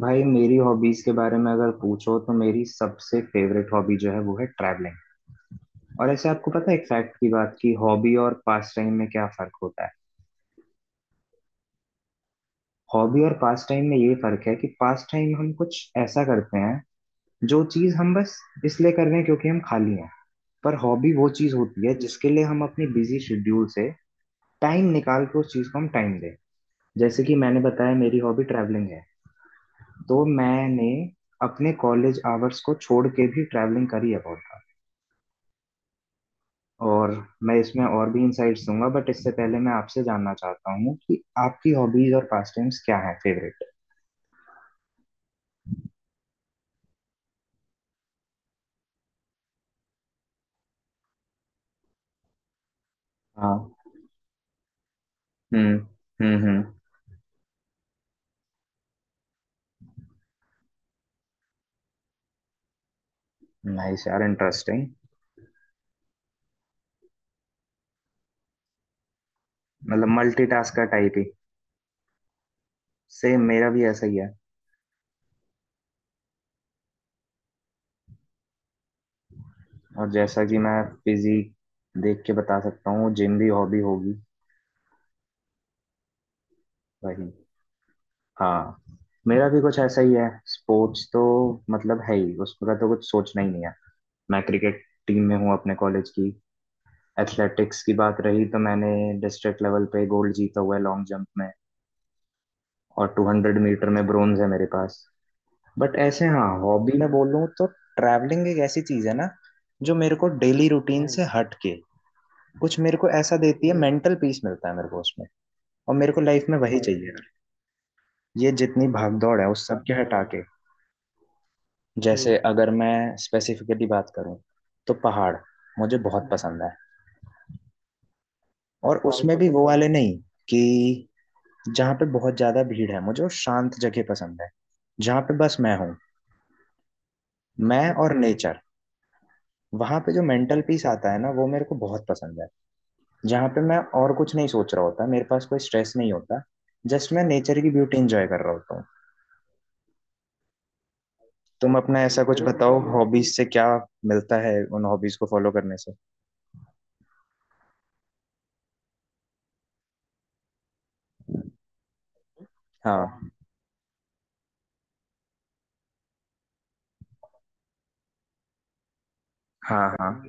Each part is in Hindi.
भाई मेरी हॉबीज के बारे में अगर पूछो तो मेरी सबसे फेवरेट हॉबी जो है वो है ट्रैवलिंग। और ऐसे आपको पता है एक फैक्ट की बात कि हॉबी और पास टाइम में क्या फर्क होता है। हॉबी और पास टाइम में ये फर्क है कि पास टाइम हम कुछ ऐसा करते हैं, जो चीज हम बस इसलिए कर रहे हैं क्योंकि हम खाली हैं। पर हॉबी वो चीज होती है जिसके लिए हम अपने बिजी शेड्यूल से टाइम निकाल के उस चीज को हम टाइम दें। जैसे कि मैंने बताया, मेरी हॉबी ट्रैवलिंग है, तो मैंने अपने कॉलेज आवर्स को छोड़ के भी ट्रैवलिंग करी है बहुत। और मैं इसमें और भी इंसाइट्स दूंगा, बट इससे पहले मैं आपसे जानना चाहता हूँ कि आपकी हॉबीज और पास टाइम्स क्या हैं फेवरेट। हाँ। Hmm, hmm, hmm. नाइस यार, इंटरेस्टिंग। मतलब मल्टीटास्कर टाइप ही। सेम मेरा भी ऐसा ही है। और जैसा कि मैं फिजी देख के बता सकता हूँ, जिम भी हॉबी होगी। वही। हाँ। मेरा भी कुछ ऐसा ही है। स्पोर्ट्स तो मतलब है ही, उसका तो कुछ सोचना ही नहीं है। मैं क्रिकेट टीम में हूँ अपने कॉलेज की। एथलेटिक्स की बात रही, तो मैंने डिस्ट्रिक्ट लेवल पे गोल्ड जीता हुआ है लॉन्ग जंप में। और 200 मीटर में ब्रोंज है मेरे पास। बट ऐसे हाँ हॉबी में बोलूँ तो ट्रैवलिंग एक ऐसी चीज है ना, जो मेरे को डेली रूटीन से हट के कुछ मेरे को ऐसा देती है। मेंटल पीस मिलता है मेरे को उसमें। और मेरे को लाइफ में वही चाहिए। ये जितनी भाग दौड़ है उस सब के हटा के, जैसे अगर मैं स्पेसिफिकली बात करूँ, तो पहाड़ मुझे बहुत पसंद है। और पहाड़ उसमें भी बहुत वो अच्छा है वाले नहीं, कि जहाँ पे बहुत ज्यादा भीड़ है। मुझे वो शांत जगह पसंद है, जहाँ पे बस मैं हूँ, मैं और नेचर। वहां पे जो मेंटल पीस आता है ना, वो मेरे को बहुत पसंद है। जहाँ पे मैं और कुछ नहीं सोच रहा होता, मेरे पास कोई स्ट्रेस नहीं होता। जस्ट मैं नेचर की ब्यूटी एंजॉय कर रहा होता हूँ। तुम अपना ऐसा कुछ बताओ, हॉबीज से क्या मिलता है, उन हॉबीज को फॉलो करने से। हाँ हाँ हाँ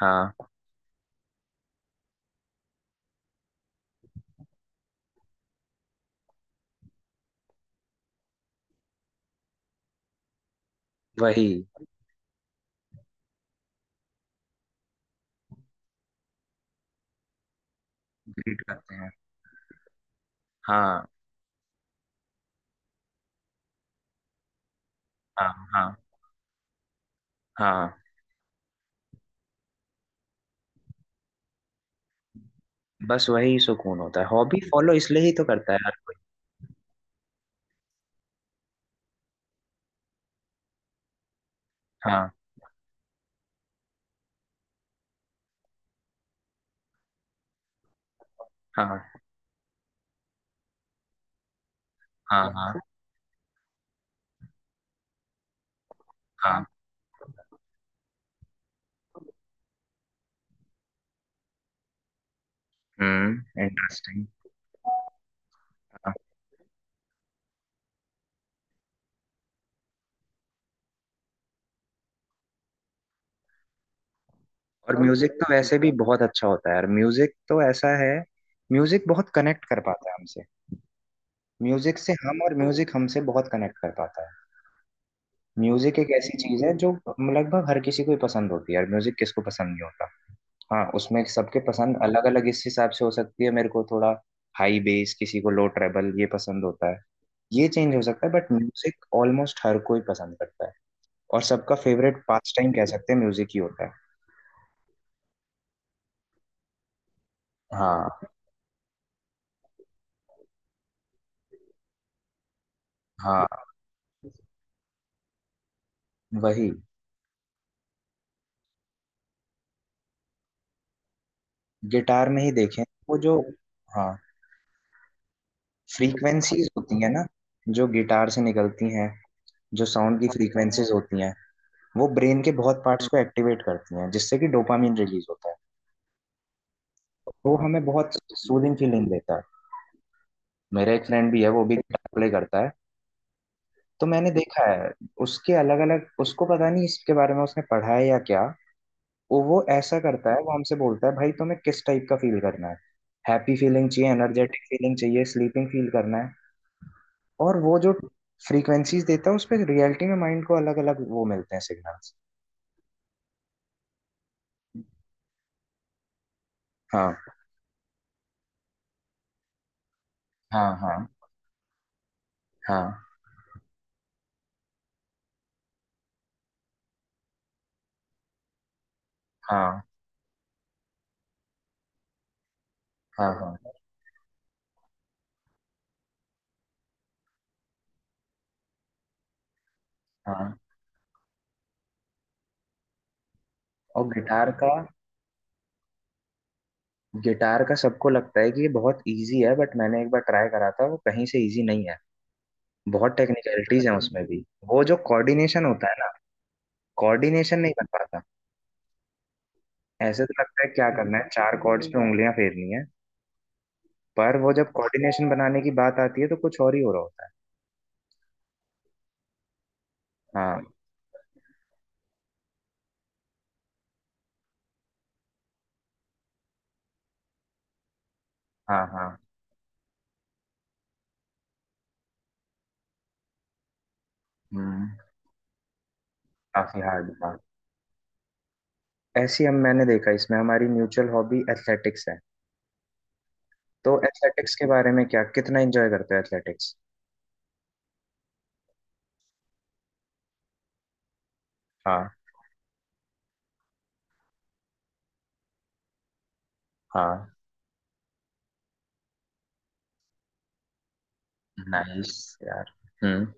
हाँ वही। ग्रीट करते हैं। हाँ, हाँ, हाँ, हाँ। बस वही सुकून होता है, हॉबी फॉलो इसलिए ही तो करता है हर कोई। हाँ, हाँ, हाँ, हाँ, हाँ। हम्म, इंटरेस्टिंग। हाँ। और म्यूजिक तो वैसे भी बहुत अच्छा होता है यार। म्यूजिक तो ऐसा है, म्यूजिक बहुत कनेक्ट कर पाता है हमसे। म्यूजिक से हम और म्यूजिक हमसे बहुत कनेक्ट कर पाता है। म्यूजिक एक ऐसी चीज है जो लगभग हर किसी को ही पसंद होती है। यार म्यूजिक किसको पसंद नहीं होता। हाँ, उसमें सबके पसंद अलग अलग इस हिसाब से हो सकती है। मेरे को थोड़ा हाई बेस, किसी को लो ट्रेबल, ये पसंद होता है। ये चेंज हो सकता है, बट म्यूजिक ऑलमोस्ट हर कोई पसंद करता है। और सबका फेवरेट पास टाइम कह सकते हैं म्यूजिक ही होता है। हाँ, हाँ। वही। गिटार में ही देखें, वो जो, हाँ, फ्रीक्वेंसीज होती है ना, जो गिटार से निकलती हैं, जो साउंड की फ्रीक्वेंसीज होती हैं, वो ब्रेन के बहुत पार्ट्स को एक्टिवेट करती हैं, जिससे कि डोपामिन रिलीज होता है। वो हमें बहुत सूदिंग फीलिंग देता है। मेरा एक फ्रेंड भी है, वो भी गिटार प्ले करता है। तो मैंने देखा है उसके अलग अलग, उसको पता नहीं इसके बारे में उसने पढ़ा है या क्या, वो ऐसा करता है। वो हमसे बोलता है, भाई तुम्हें किस टाइप का फील करना है। हैप्पी फीलिंग चाहिए, एनर्जेटिक फीलिंग चाहिए, स्लीपिंग फील करना है। और वो जो फ्रीक्वेंसीज देता है उस पे रियलिटी में माइंड को अलग अलग वो मिलते हैं सिग्नल्स। हाँ, हाँ, हाँ, हाँ, हाँ, हाँ, हाँ, हाँ। और गिटार का, गिटार का सबको लगता है कि ये बहुत इजी है, बट मैंने एक बार ट्राई करा था, वो कहीं से इजी नहीं है। बहुत टेक्निकलिटीज हैं उसमें भी। वो जो कोऑर्डिनेशन होता है ना, कोऑर्डिनेशन नहीं बन पाता। ऐसे तो लगता है क्या करना है, चार कॉर्ड्स पे उंगलियां फेरनी है। पर वो जब कोऑर्डिनेशन बनाने की बात आती है, तो कुछ और ही हो रहा होता है। हाँ, हाँ, हाँ। हम्म, काफी हार्ड था। ऐसी हम मैंने देखा इसमें हमारी म्यूचुअल हॉबी एथलेटिक्स है। तो एथलेटिक्स के बारे में क्या, कितना एंजॉय करते हो एथलेटिक्स। हाँ, हाँ। नाइस यार। हम्म।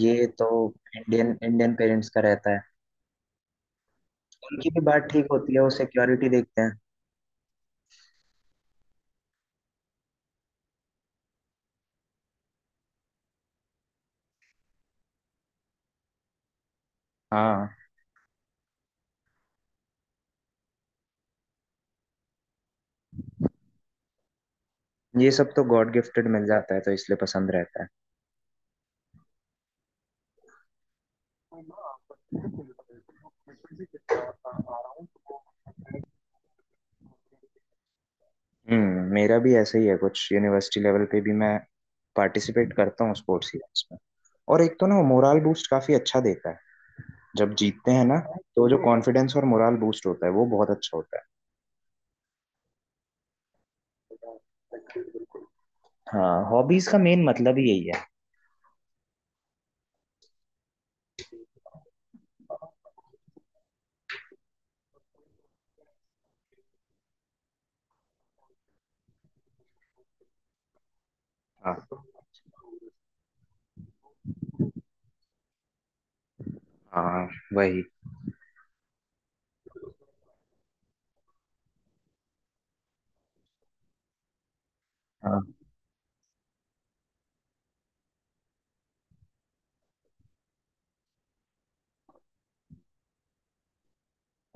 ये तो इंडियन इंडियन पेरेंट्स का रहता है। उनकी भी बात ठीक होती है, वो सिक्योरिटी देखते हैं। हाँ, ये सब तो गॉड गिफ्टेड मिल जाता है, तो इसलिए पसंद रहता है। हम्म, मेरा भी ऐसा ही है कुछ। यूनिवर्सिटी लेवल पे भी मैं पार्टिसिपेट करता हूँ स्पोर्ट्स इवेंट्स में। और एक तो ना मोराल बूस्ट काफी अच्छा देता है, जब जीतते हैं ना, तो जो कॉन्फिडेंस और मोराल बूस्ट होता है वो बहुत अच्छा होता है। हाँ, हॉबीज का मेन मतलब ही यही है। हाँ, हाँ। वही। हाँ।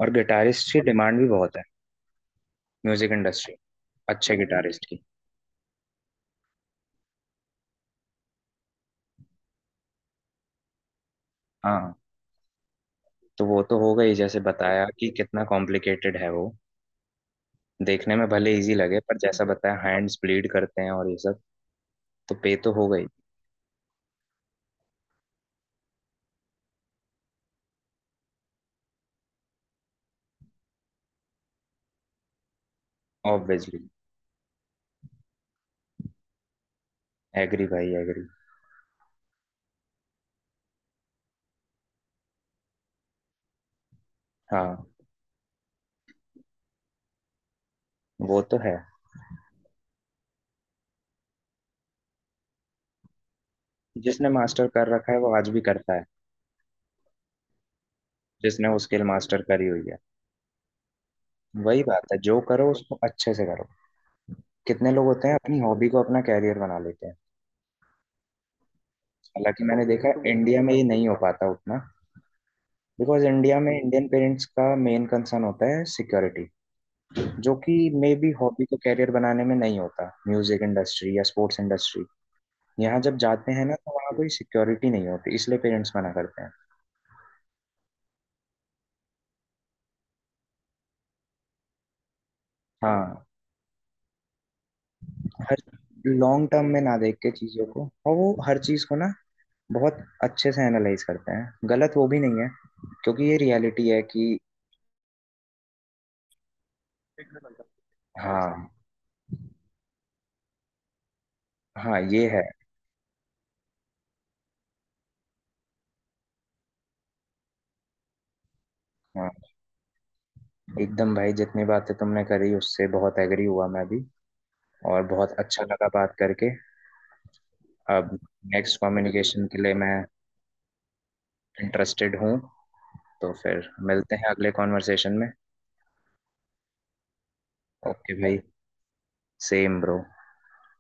और गिटारिस्ट की डिमांड भी बहुत है, म्यूजिक इंडस्ट्री, अच्छे गिटारिस्ट की। हाँ, तो वो तो होगा ही, जैसे बताया कि कितना कॉम्प्लिकेटेड है वो। देखने में भले इजी लगे, पर जैसा बताया हैंड्स ब्लीड करते हैं और ये सब। तो पे तो होगा ही। ऑब्वियसली, एग्री भाई, एग्री। हाँ, वो तो है। जिसने मास्टर कर रखा है वो आज भी करता है। जिसने वो स्किल मास्टर करी हुई है, वही बात है, जो करो उसको अच्छे से करो। कितने लोग होते हैं अपनी हॉबी को अपना कैरियर बना लेते हैं। हालांकि मैंने देखा है इंडिया में ये नहीं हो पाता उतना, बिकॉज इंडिया में इंडियन पेरेंट्स का मेन कंसर्न होता है सिक्योरिटी, जो कि मे बी हॉबी को कैरियर बनाने में नहीं होता। म्यूजिक इंडस्ट्री या स्पोर्ट्स इंडस्ट्री, यहाँ जब जाते हैं ना, तो वहाँ कोई सिक्योरिटी नहीं होती, इसलिए पेरेंट्स मना करते हैं। हाँ, हर लॉन्ग टर्म में ना देख के चीजों को, और वो हर चीज को ना बहुत अच्छे से एनालाइज करते हैं। गलत वो भी नहीं है, क्योंकि ये रियलिटी है कि हाँ, हाँ, ये है। हाँ, एकदम भाई, जितनी बातें तुमने करी उससे बहुत एग्री हुआ मैं भी। और बहुत अच्छा लगा बात करके। अब नेक्स्ट कम्युनिकेशन के लिए मैं इंटरेस्टेड हूँ, तो फिर मिलते हैं अगले कॉन्वर्सेशन में। ओके भाई, सेम ब्रो।